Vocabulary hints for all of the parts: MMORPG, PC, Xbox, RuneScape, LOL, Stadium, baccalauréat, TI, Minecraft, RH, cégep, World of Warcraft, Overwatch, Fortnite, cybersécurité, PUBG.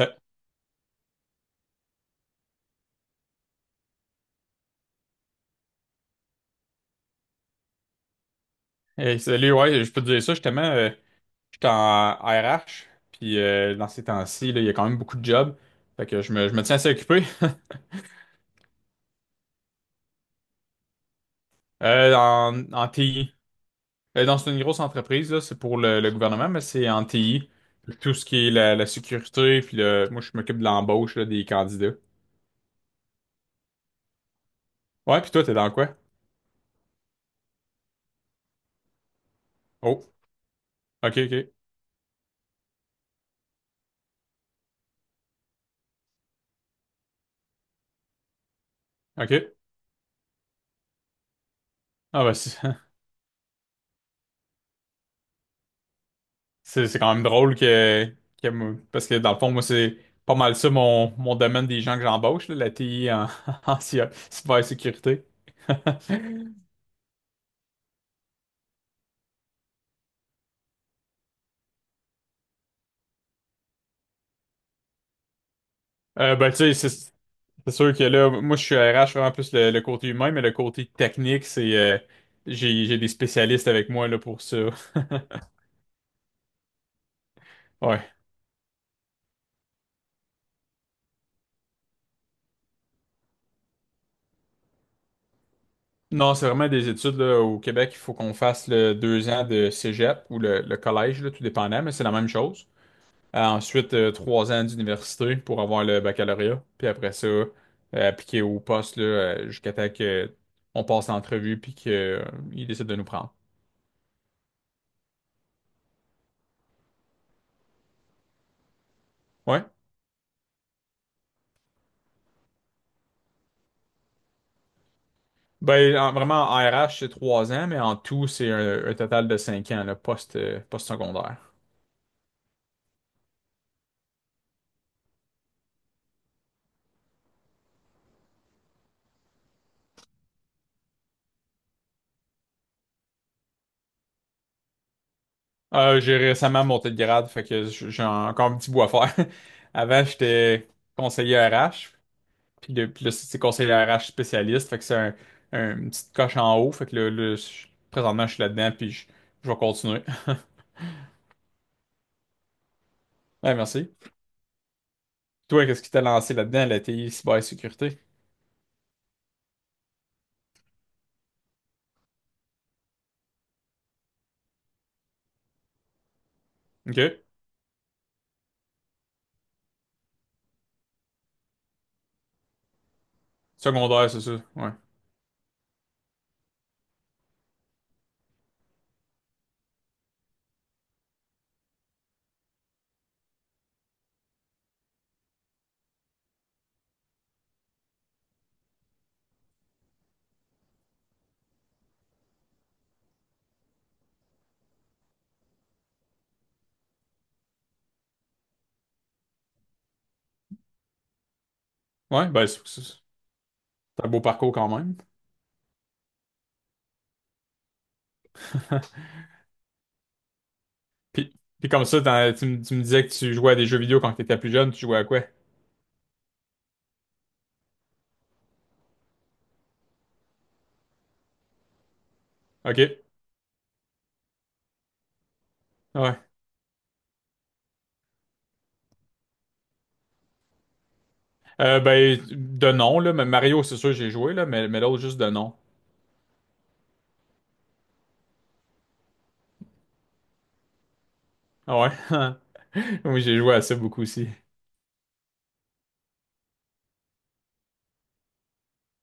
Euh, Hey, salut, ouais, je peux te dire ça, justement, j'étais en RH, puis dans ces temps-ci, là, il y a quand même beaucoup de jobs, fait que je me tiens assez occupé. En TI. Dans une grosse entreprise, là, c'est pour le gouvernement, mais c'est en TI, tout ce qui est la sécurité, puis moi, je m'occupe de l'embauche là, des candidats. Ouais, puis toi, t'es dans quoi? Oh, ok, ok, ok. Ah bah, c'est... C'est quand même drôle parce que dans le fond, moi, c'est pas mal ça mon domaine des gens que j'embauche, là, la TI en, en cybersécurité. Ben, tu sais, c'est sûr que là, moi, je suis RH, vraiment plus le côté humain, mais le côté technique, c'est j'ai des spécialistes avec moi là, pour ça. Ouais. Non, c'est vraiment des études là, au Québec, il faut qu'on fasse le 2 ans de cégep ou le collège, là, tout dépendant, mais c'est la même chose. Ensuite, 3 ans d'université pour avoir le baccalauréat. Puis après ça, appliquer au poste là, jusqu'à temps que on passe l'entrevue puis qu'ils décident de nous prendre. Ouais. Ben, vraiment, en RH, c'est 3 ans, mais en tout, c'est un total de 5 ans, le poste, post-secondaire. J'ai récemment monté de grade, fait que j'ai encore un petit bout à faire. Avant, j'étais conseiller RH. Puis là, c'est conseiller RH spécialiste. Fait que c'est une petite coche en haut. Fait que là, présentement, je suis là-dedans, puis je vais continuer. Ouais, merci. Toi, qu'est-ce qui t'a lancé là-dedans, la TI, cybersécurité? OK. Secondaire, c'est ça. Ouais. Ouais, ben, c'est un beau parcours quand même. Puis, Puis comme ça, tu me disais que tu jouais à des jeux vidéo quand t'étais plus jeune, tu jouais à quoi? OK. Ouais. Ben, de nom, là, mais Mario, c'est sûr, j'ai joué, là, mais l'autre, juste de nom. Ah ouais. Oui, j'ai joué à ça beaucoup aussi.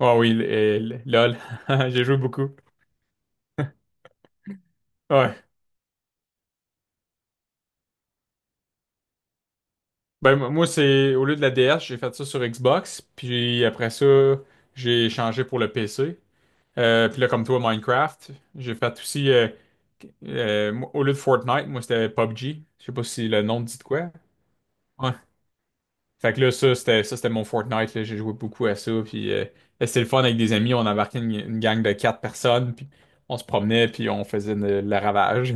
Oh oui, LOL. J'ai joué beaucoup. Ouais. Ben, moi, c'est au lieu de la DS, j'ai fait ça sur Xbox. Puis après ça, j'ai changé pour le PC. Puis là, comme toi, Minecraft. J'ai fait aussi, moi, au lieu de Fortnite, moi, c'était PUBG. Je sais pas si le nom te dit de quoi. Ouais. Fait que là, ça, c'était mon Fortnite, là. J'ai joué beaucoup à ça. Puis c'était le fun avec des amis. On embarquait une gang de 4 personnes. Puis on se promenait. Puis on faisait le ravage.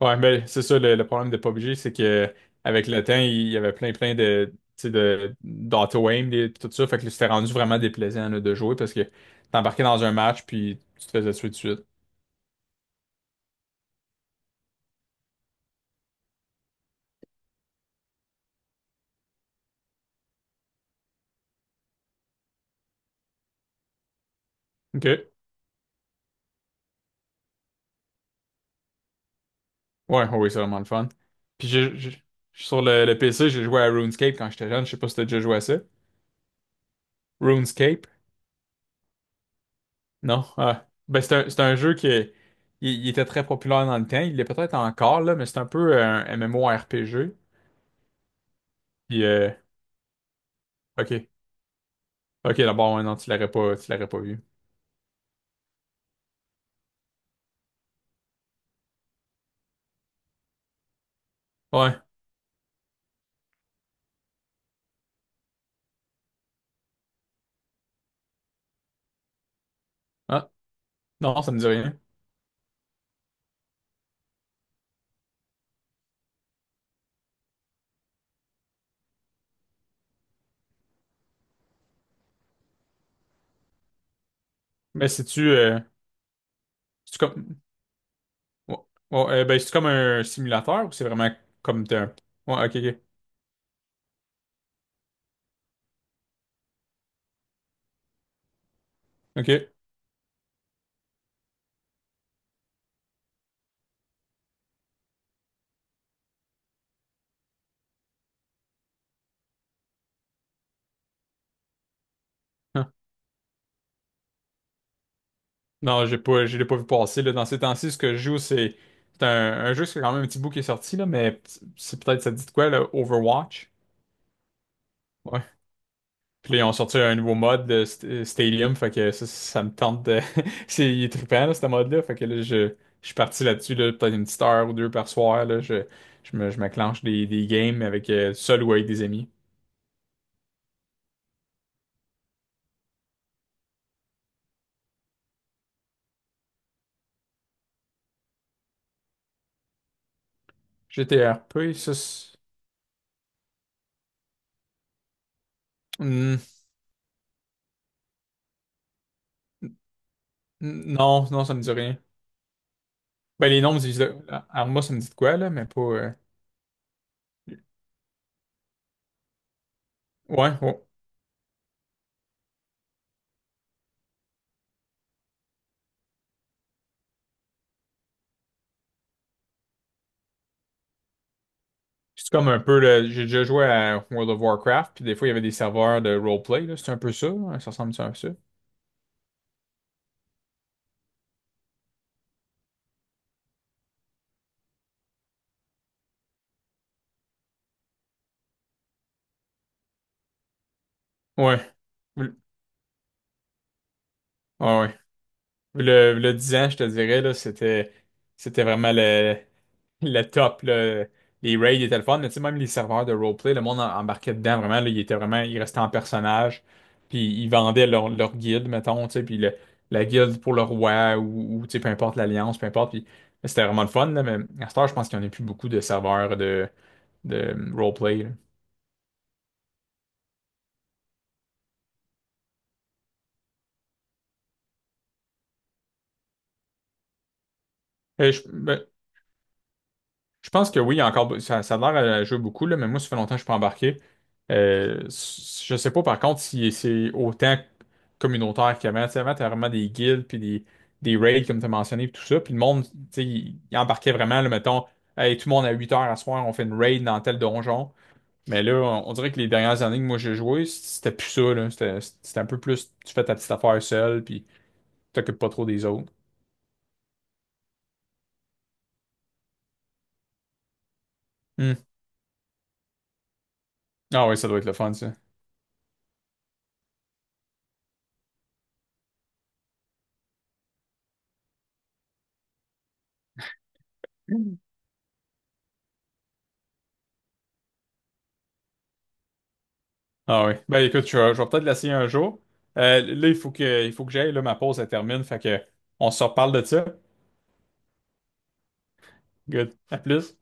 Ouais, ben c'est ça le problème de PUBG, c'est que avec le temps, il y avait plein plein de tu sais, de d'auto-aim, tout ça, fait que c'était rendu vraiment déplaisant là, de jouer parce que t'embarquais dans un match puis tu te faisais tuer tout de suite. OK. Ouais, oui, c'est vraiment le fun. Puis je j'ai- Sur le PC, j'ai joué à RuneScape quand j'étais jeune, je sais pas si t'as déjà joué à ça. RuneScape? Non. Ah. Ben, c'est un jeu qui est- il était très populaire dans le temps, il l'est peut-être encore là, mais c'est un peu un MMORPG. Puis OK. Ok, d'abord, ouais, non, tu l'aurais pas vu. Ouais. Ah, non, ça me dit rien. Mais c'est-tu euh, c'est-tu comme... Ouais, ouais, ben, c'est comme un simulateur ou c'est vraiment comme t'es un... Ouais, ok, ok. Ok. Ah. Non, j'ai pas, je l'ai pas vu passer, là. Dans ces temps-ci, ce que je joue, c'est... C'est un jeu, c'est quand même un petit bout qui est sorti, là, mais c'est peut-être, ça te dit de quoi, là? Overwatch? Ouais. Puis là, ils ont sorti un nouveau mode de Stadium, fait que ça me tente de... Il est trippant, là, ce mode-là, fait que là, je suis parti là-dessus, là, peut-être une petite heure ou deux par soir, là, je m'acclenche des games avec, seul ou avec des amis. GTRP, ça, c'est-... Hmm, non, non, ça me dit rien. Ben, les noms, me disent-... Arma, ça me dit de quoi, là, mais pas... Ouais, ouais. C'est comme un peu, là, j'ai déjà joué à World of Warcraft, puis des fois, il y avait des serveurs de roleplay, là, c'est un peu ça, hein, ça ressemble ça un peu à ça. Ouais. Ouais, ouais. Le 10 ans, je te dirais, là, c'était vraiment le top, là. Les raids étaient le fun, mais tu sais, même les serveurs de roleplay, le monde embarquait dedans, vraiment, là, il restait en personnage, puis ils vendaient leur guilde, mettons, tu sais, la guilde pour le roi, ou, tu sais, peu importe l'alliance, peu importe, puis c'était vraiment le fun, là, mais à cette heure, je pense qu'il n'y en a plus beaucoup de serveurs de roleplay, là. Euh, je- ben, Je pense que oui, il y a encore, ça a l'air à jouer beaucoup, là, mais moi, ça fait longtemps que je suis pas embarqué. Je sais pas, par contre, si c'est autant communautaire qu'avant. Tu sais, avant, t'avais vraiment des guildes, puis des raids, comme tu as mentionné, puis tout ça. Puis le monde, tu sais, il embarquait vraiment, là, mettons... Hey, tout le monde à 8 heures à soir, on fait une raid dans tel donjon. Mais là, on dirait que les dernières années que moi j'ai joué, c'était plus ça, là. C'était un peu plus, tu fais ta petite affaire seule, puis tu t'occupes pas trop des autres. Hmm. Ah oui, ça doit être le fun, ça. Ah oui. Ben écoute, je vais peut-être l'essayer un jour. Là, il faut que j'aille, là, ma pause, elle termine. Fait que on se reparle de ça. Good. À plus.